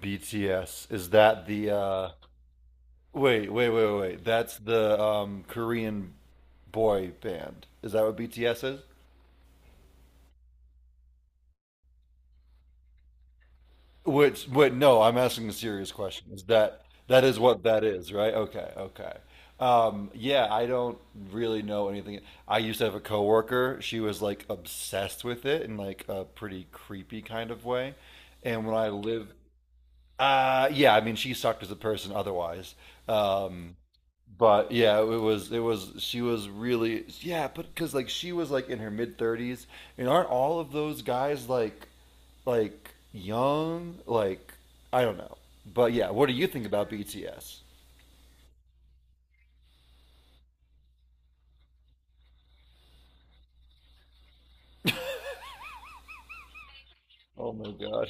BTS. Is that the wait, wait, wait, wait, wait. That's the Korean boy band. Is that what BTS is? Which Wait, no, I'm asking a serious question. Is that that is what that is, right? Okay, okay. Yeah, I don't really know anything. I used to have a coworker. She was like obsessed with it in like a pretty creepy kind of way. And when I lived yeah, I mean she sucked as a person otherwise. Um But yeah, it was she was really, yeah, but because like she was like in her mid thirties, and aren't all of those guys like young? Like I don't know, but yeah, what do you think about BTS? Oh my God,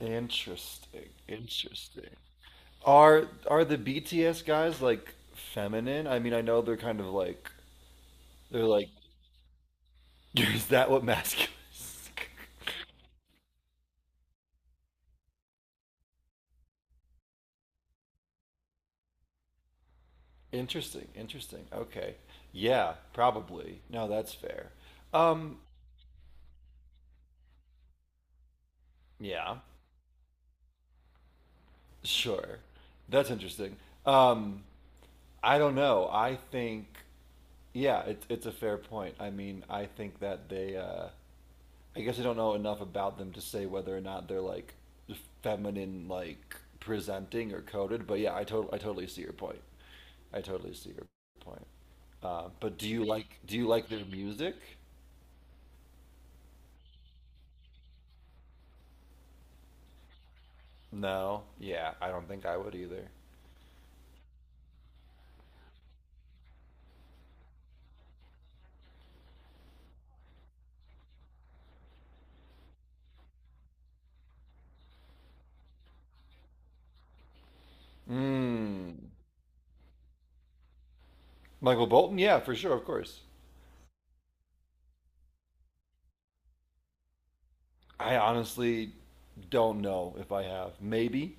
interesting, interesting. Are the BTS guys like feminine? I mean, I know they're kind of like they're like is that what masculine is? Interesting, interesting. Okay. Yeah, probably. No, that's fair. Um, yeah, sure. That's interesting. Um, I don't know. I think yeah, it's a fair point. I mean, I think that they I guess I don't know enough about them to say whether or not they're like feminine like presenting or coded, but yeah, I totally see your point. I totally see your point. But do you like their music? No. Yeah, I don't think I would either. Mm. Michael Bolton, yeah, for sure, of course. I honestly don't know if I have. Maybe.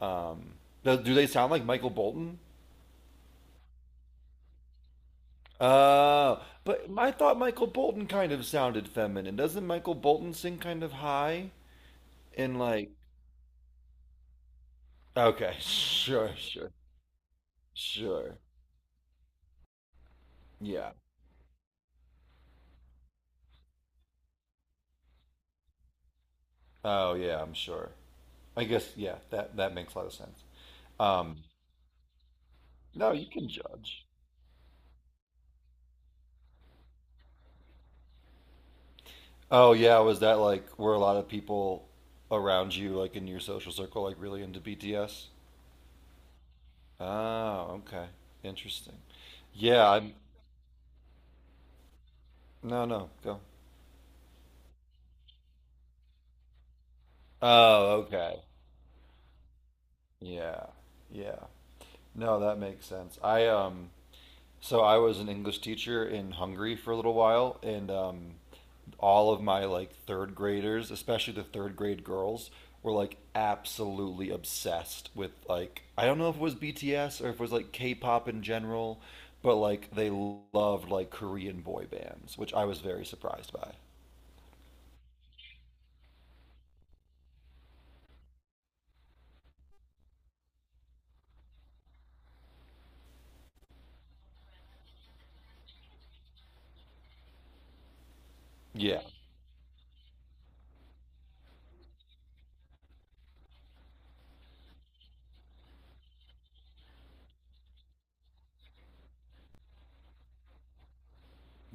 Um, do they sound like Michael Bolton? But I thought Michael Bolton kind of sounded feminine. Doesn't Michael Bolton sing kind of high and like? Okay, sure, sure, sure. Yeah. Oh yeah, I'm sure. I guess yeah. That that makes a lot of sense. Um, no, you can judge. Oh yeah, was that like were a lot of people around you, like in your social circle, like really into BTS? Oh, okay. Interesting. Yeah, I'm No, no, go. Oh, okay. Yeah. Yeah. No, that makes sense. I so I was an English teacher in Hungary for a little while, and all of my like third graders, especially the third grade girls, were like absolutely obsessed with, like, I don't know if it was BTS or if it was like K-pop in general, but like they loved like Korean boy bands, which I was very surprised by. Yeah.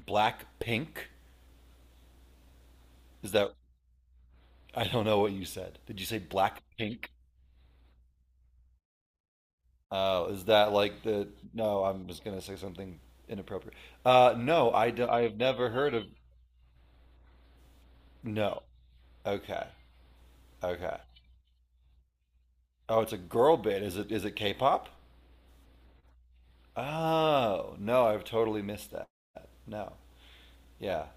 Black Pink? Is that I don't know what you said. Did you say Black Pink? Oh, is that like the no, I'm just gonna say something inappropriate. No, I've never heard of, no. Okay. Okay. Oh, it's a girl band. Is it K-pop? Oh, no, I've totally missed that. No. Yeah.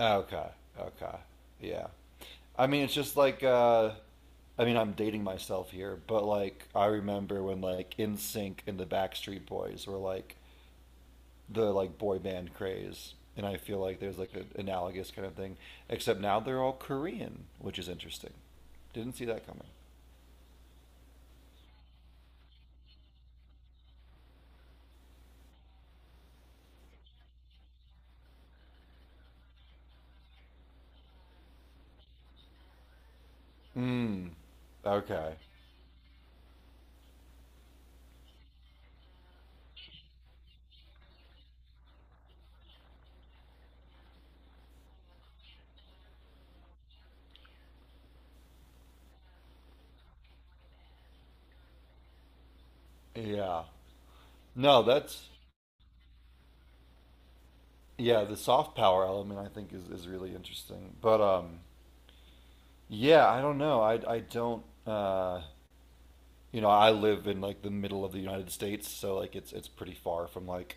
Okay. Okay. Yeah. I mean, it's just like I mean, I'm dating myself here, but like I remember when like NSYNC and the Backstreet Boys were like the like boy band craze, and I feel like there's like an analogous kind of thing, except now they're all Korean, which is interesting. Didn't see that coming. Mm, okay. Yeah. No, that's yeah, the soft power element I think is really interesting. But yeah, I don't know. I don't, you know, I live in like the middle of the United States, so like it's pretty far from like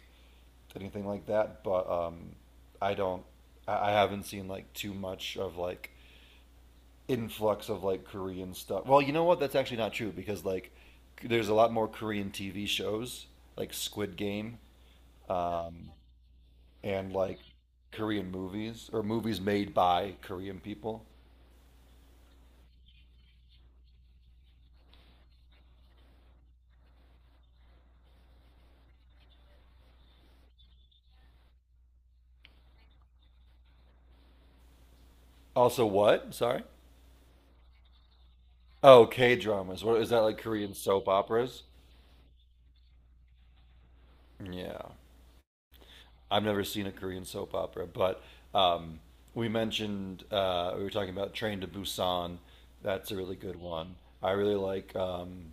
anything like that, but I don't I haven't seen like too much of like influx of like Korean stuff. Well, you know what? That's actually not true because like there's a lot more Korean TV shows like Squid Game, um and like Korean movies or movies made by Korean people. Also, what? Sorry. Oh, K dramas. What is that like? Korean soap operas? Yeah, I've never seen a Korean soap opera, but um, we were talking about Train to Busan. That's a really good one. I really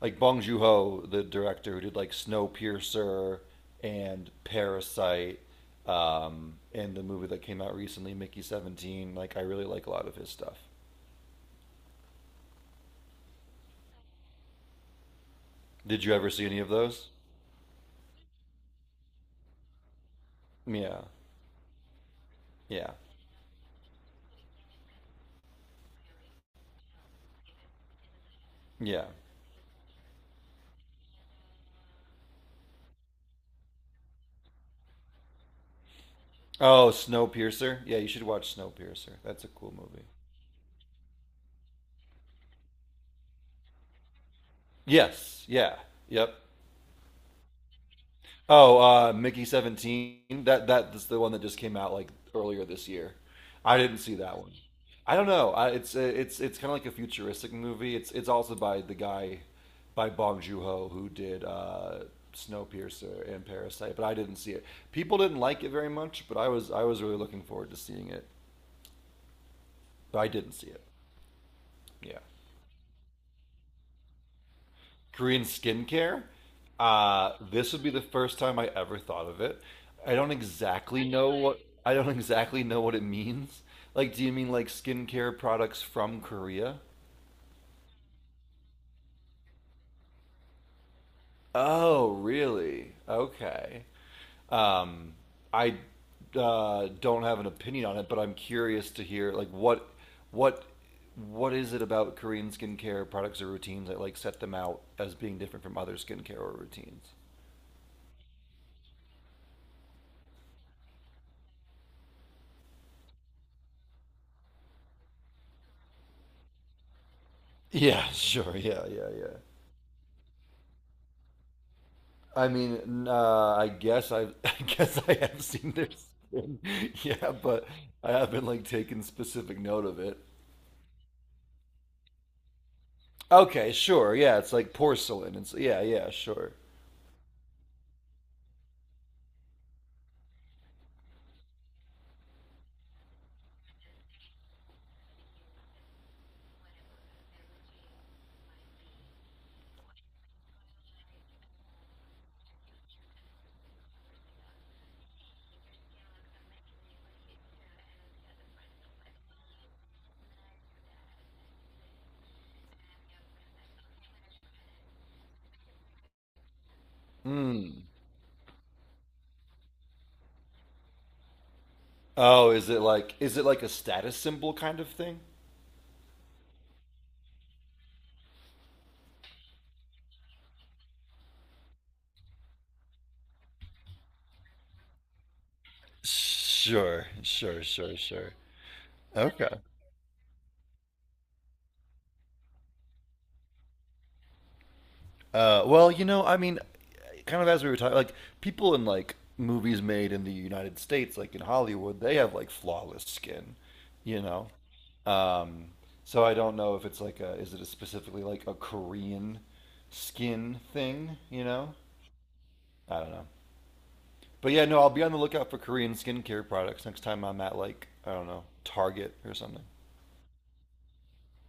like Bong Joon Ho, the director who did like Snowpiercer and Parasite, and the movie that came out recently, Mickey 17. Like, I really like a lot of his stuff. Did you ever see any of those? Yeah, yeah, yeah. Oh, Snowpiercer. Yeah, you should watch Snowpiercer. That's a cool movie. Yes. Yeah. Yep. Oh, Mickey 17. That's the one that just came out like earlier this year. I didn't see that one. I don't know. I, it's kind of like a futuristic movie. It's also by the guy, by Bong Joon Ho, who did Snowpiercer and Parasite, but I didn't see it. People didn't like it very much, but I was really looking forward to seeing it, but I didn't see it. Yeah. Korean skincare. This would be the first time I ever thought of it. I don't exactly know what I don't exactly know what it means. Like, do you mean like skincare products from Korea? Oh, really? Okay. Um, I don't have an opinion on it, but I'm curious to hear like what what is it about Korean skincare products or routines that like set them out as being different from other skincare or routines? Yeah, sure. Yeah, yeah, yeah. I mean, I guess I I guess I have seen their skin, yeah, but I haven't like taken specific note of it. Okay, sure. Yeah, it's like porcelain. It's yeah, yeah, sure. Mm. Oh, is it like a status symbol kind of thing? Sure, sure, sure, sure. Okay. Well, you know, I mean, kind of as we were talking, like people in like movies made in the United States, like in Hollywood, they have like flawless skin, you know. Um, so I don't know if it's like a is it a specifically like a Korean skin thing, you know? I don't know. But yeah, no, I'll be on the lookout for Korean skincare products next time I'm at, like, I don't know, Target or something.